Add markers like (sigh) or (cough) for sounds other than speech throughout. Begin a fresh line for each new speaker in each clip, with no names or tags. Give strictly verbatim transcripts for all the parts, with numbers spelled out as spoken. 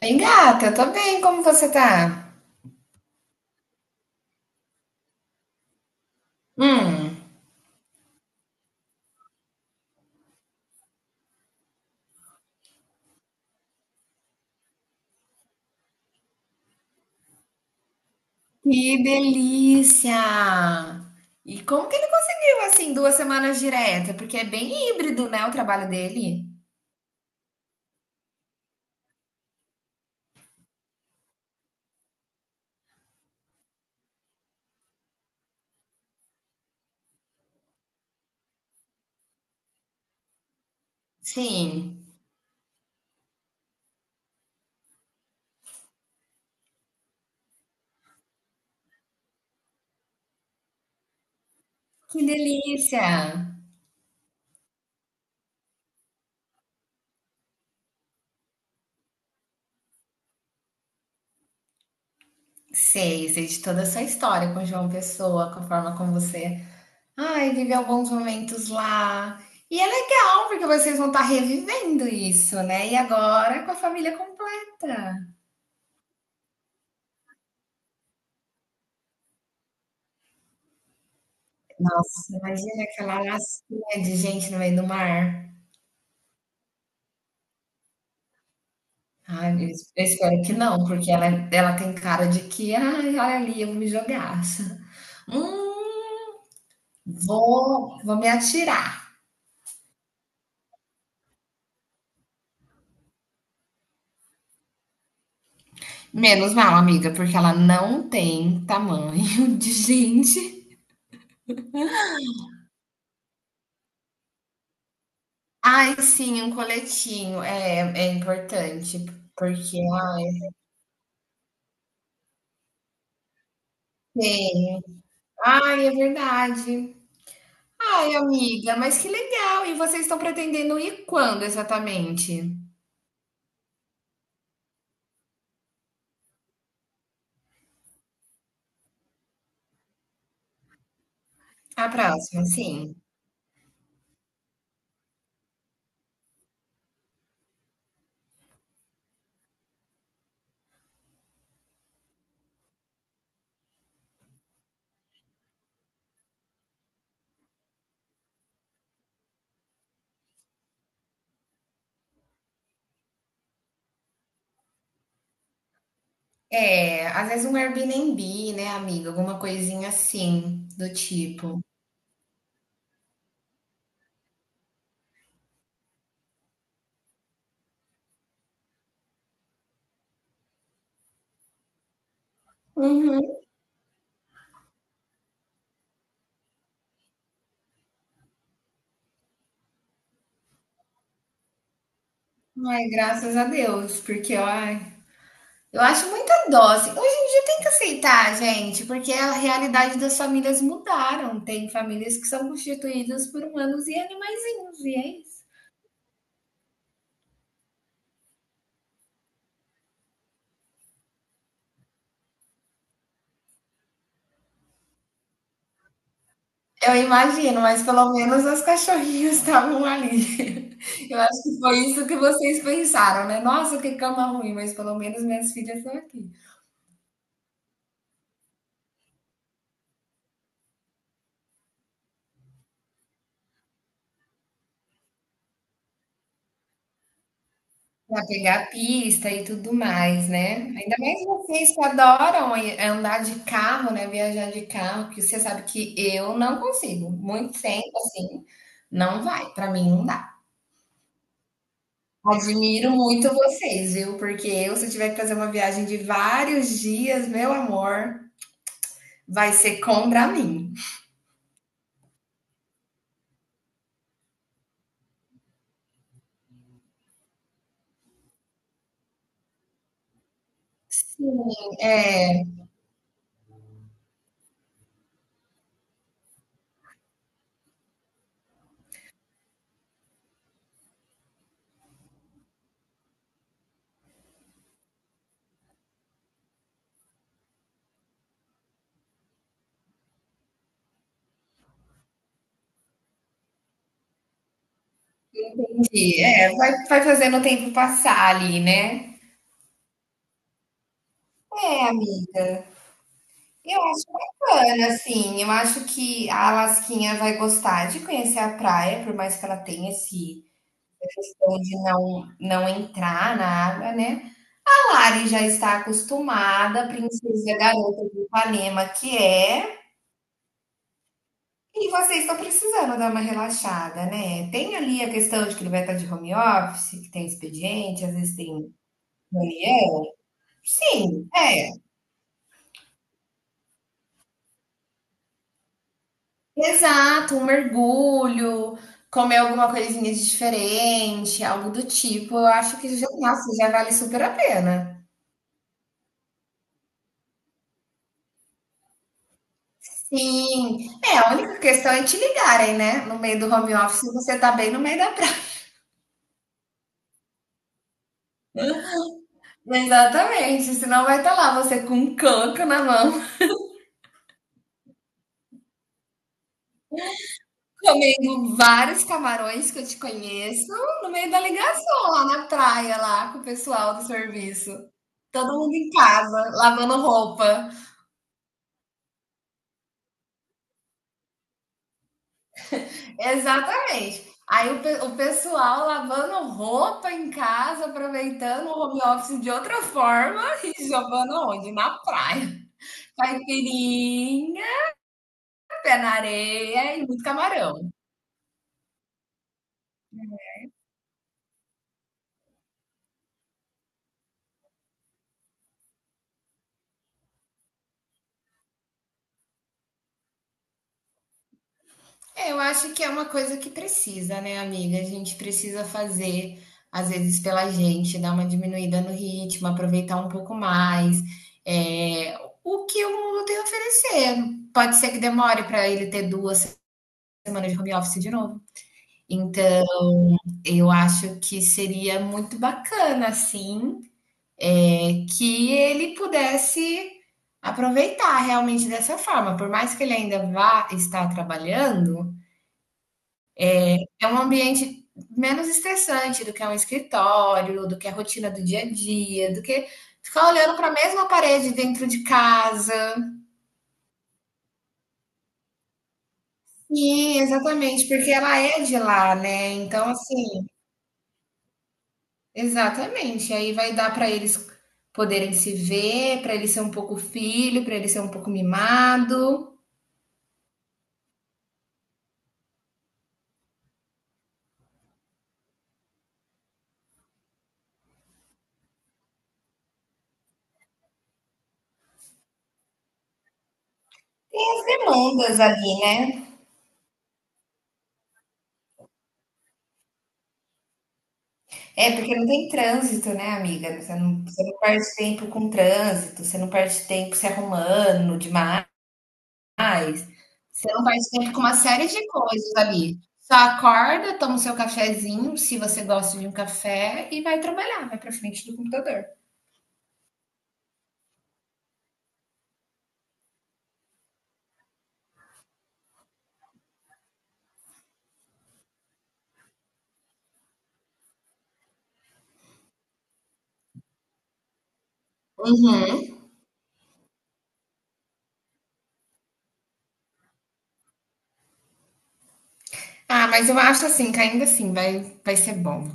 Bem, gata, tô bem, como você tá? Hum, que delícia! E como que ele conseguiu, assim, duas semanas direta? Porque é bem híbrido, né, o trabalho dele? Sim, que delícia! Sei, sei de toda a sua história com João Pessoa, com a forma como você, ai, vive alguns momentos lá. E é legal, porque vocês vão estar revivendo isso, né? E agora com a família completa. Nossa, imagina aquela lacinha de gente no meio do mar. Ai, eu es- eu espero que não, porque ela, ela tem cara de que, ai, olha ali, eu vou me jogar. (laughs) Hum, vou, vou me atirar. Menos mal, amiga, porque ela não tem tamanho (laughs) de gente. Ai, sim, um coletinho é, é importante, porque ela tem. Ai, é verdade. Ai, amiga, mas que legal. E vocês estão pretendendo ir quando exatamente? A próxima, sim. É, às vezes um Airbnb, né, amiga? Alguma coisinha assim, do tipo. Uhum. Ai, graças a Deus, porque ai, eu acho muita dose. Hoje em dia tem que aceitar, gente, porque a realidade das famílias mudaram. Tem famílias que são constituídas por humanos e animaizinhos, e é isso. Eu imagino, mas pelo menos as cachorrinhas estavam ali. (laughs) Eu acho que foi isso que vocês pensaram, né? Nossa, que cama ruim, mas pelo menos minhas filhas estão aqui. Pra pegar a pista e tudo mais, né. Ainda mais vocês que adoram aí andar de carro, né, viajar de carro, que você sabe que eu não consigo, muito tempo, assim, não vai, pra mim não dá. Admiro muito vocês, viu, porque eu se tiver que fazer uma viagem de vários dias, meu amor, vai ser contra mim. Sim, é, entendi. É, vai vai fazendo o tempo passar ali, né. É, amiga, eu acho bacana, assim. Eu acho que a Lasquinha vai gostar de conhecer a praia, por mais que ela tenha esse, essa questão de não, não entrar na água, né? A Lari já está acostumada, a princesa garota de Ipanema que é. E vocês estão precisando dar uma relaxada, né? Tem ali a questão de que ele vai estar de home office, que tem expediente, às vezes tem reunião. Sim, é. Exato, um mergulho, comer alguma coisinha de diferente, algo do tipo, eu acho que já, nossa, já vale super a pena. Sim, é, a única questão é te ligarem, né? No meio do home office, você tá bem no meio da praia. (laughs) Exatamente, senão vai estar lá você com um canto na mão, (laughs) comendo vários camarões que eu te conheço, no meio da ligação lá na praia, lá com o pessoal do serviço. Todo mundo em casa, lavando roupa. Exatamente. Aí o, pe- o pessoal lavando roupa em casa, aproveitando o home office de outra forma (laughs) e jogando onde? Na praia. Caipirinha, pé na areia e muito camarão. É, eu acho que é uma coisa que precisa, né, amiga? A gente precisa fazer, às vezes, pela gente, dar uma diminuída no ritmo, aproveitar um pouco mais. É, o que o mundo tem a oferecer. Pode ser que demore para ele ter duas semanas de home office de novo. Então, eu acho que seria muito bacana, assim, é, que ele pudesse aproveitar realmente dessa forma. Por mais que ele ainda vá estar trabalhando, é um ambiente menos estressante do que é um escritório, do que é a rotina do dia a dia, do que ficar olhando para a mesma parede dentro de casa. Sim, exatamente, porque ela é de lá, né? Então, assim, exatamente. Aí vai dar para eles poderem se ver, para ele ser um pouco filho, para ele ser um pouco mimado. Tem as demandas ali, né? É porque não tem trânsito, né, amiga? Você não, você não perde tempo com trânsito, você não perde tempo se arrumando demais. Você não perde tempo com uma série de coisas ali. Só acorda, toma o seu cafezinho, se você gosta de um café, e vai trabalhar, vai para frente do computador. Uhum. Ah, mas eu acho assim que ainda assim vai vai ser bom.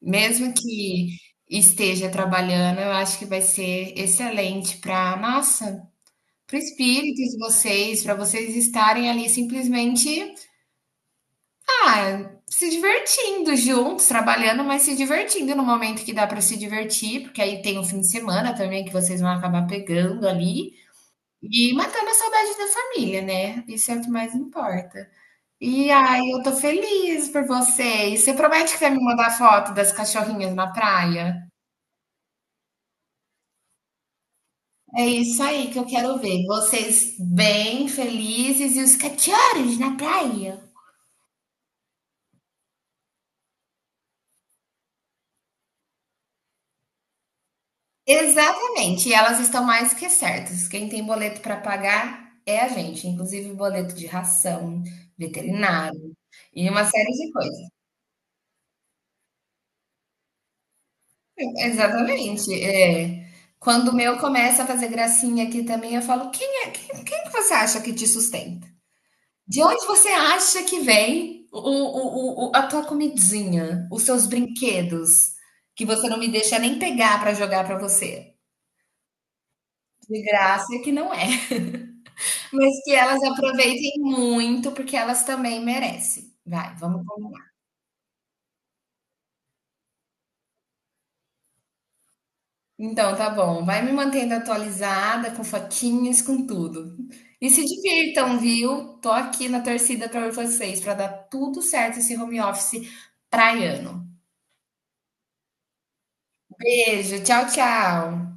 Mesmo que esteja trabalhando, eu acho que vai ser excelente pra nossa, para o espírito de vocês, para vocês estarem ali simplesmente, ah, se divertindo juntos, trabalhando, mas se divertindo no momento que dá para se divertir, porque aí tem o fim de semana também que vocês vão acabar pegando ali, e matando a saudade da família, né, isso é o que mais importa. E aí, eu tô feliz por você. E você promete que vai me mandar foto das cachorrinhas na praia? É isso aí que eu quero ver. Vocês bem felizes e os cachorros na praia. Exatamente, e elas estão mais que certas. Quem tem boleto para pagar é a gente, inclusive boleto de ração, veterinário e uma série de coisas. Exatamente, é. Quando o meu começa a fazer gracinha aqui também, eu falo: quem é, quem, quem que você acha que te sustenta? De onde você acha que vem o o o o a tua comidinha, os seus brinquedos, que você não me deixa nem pegar para jogar para você? De graça que não é, (laughs) mas que elas aproveitem muito, porque elas também merecem. Vai, vamos então tá bom, vai me mantendo atualizada com fotinhas, com tudo. E se divirtam, viu? Tô aqui na torcida para vocês para dar tudo certo esse home office praiano. Beijo, tchau, tchau.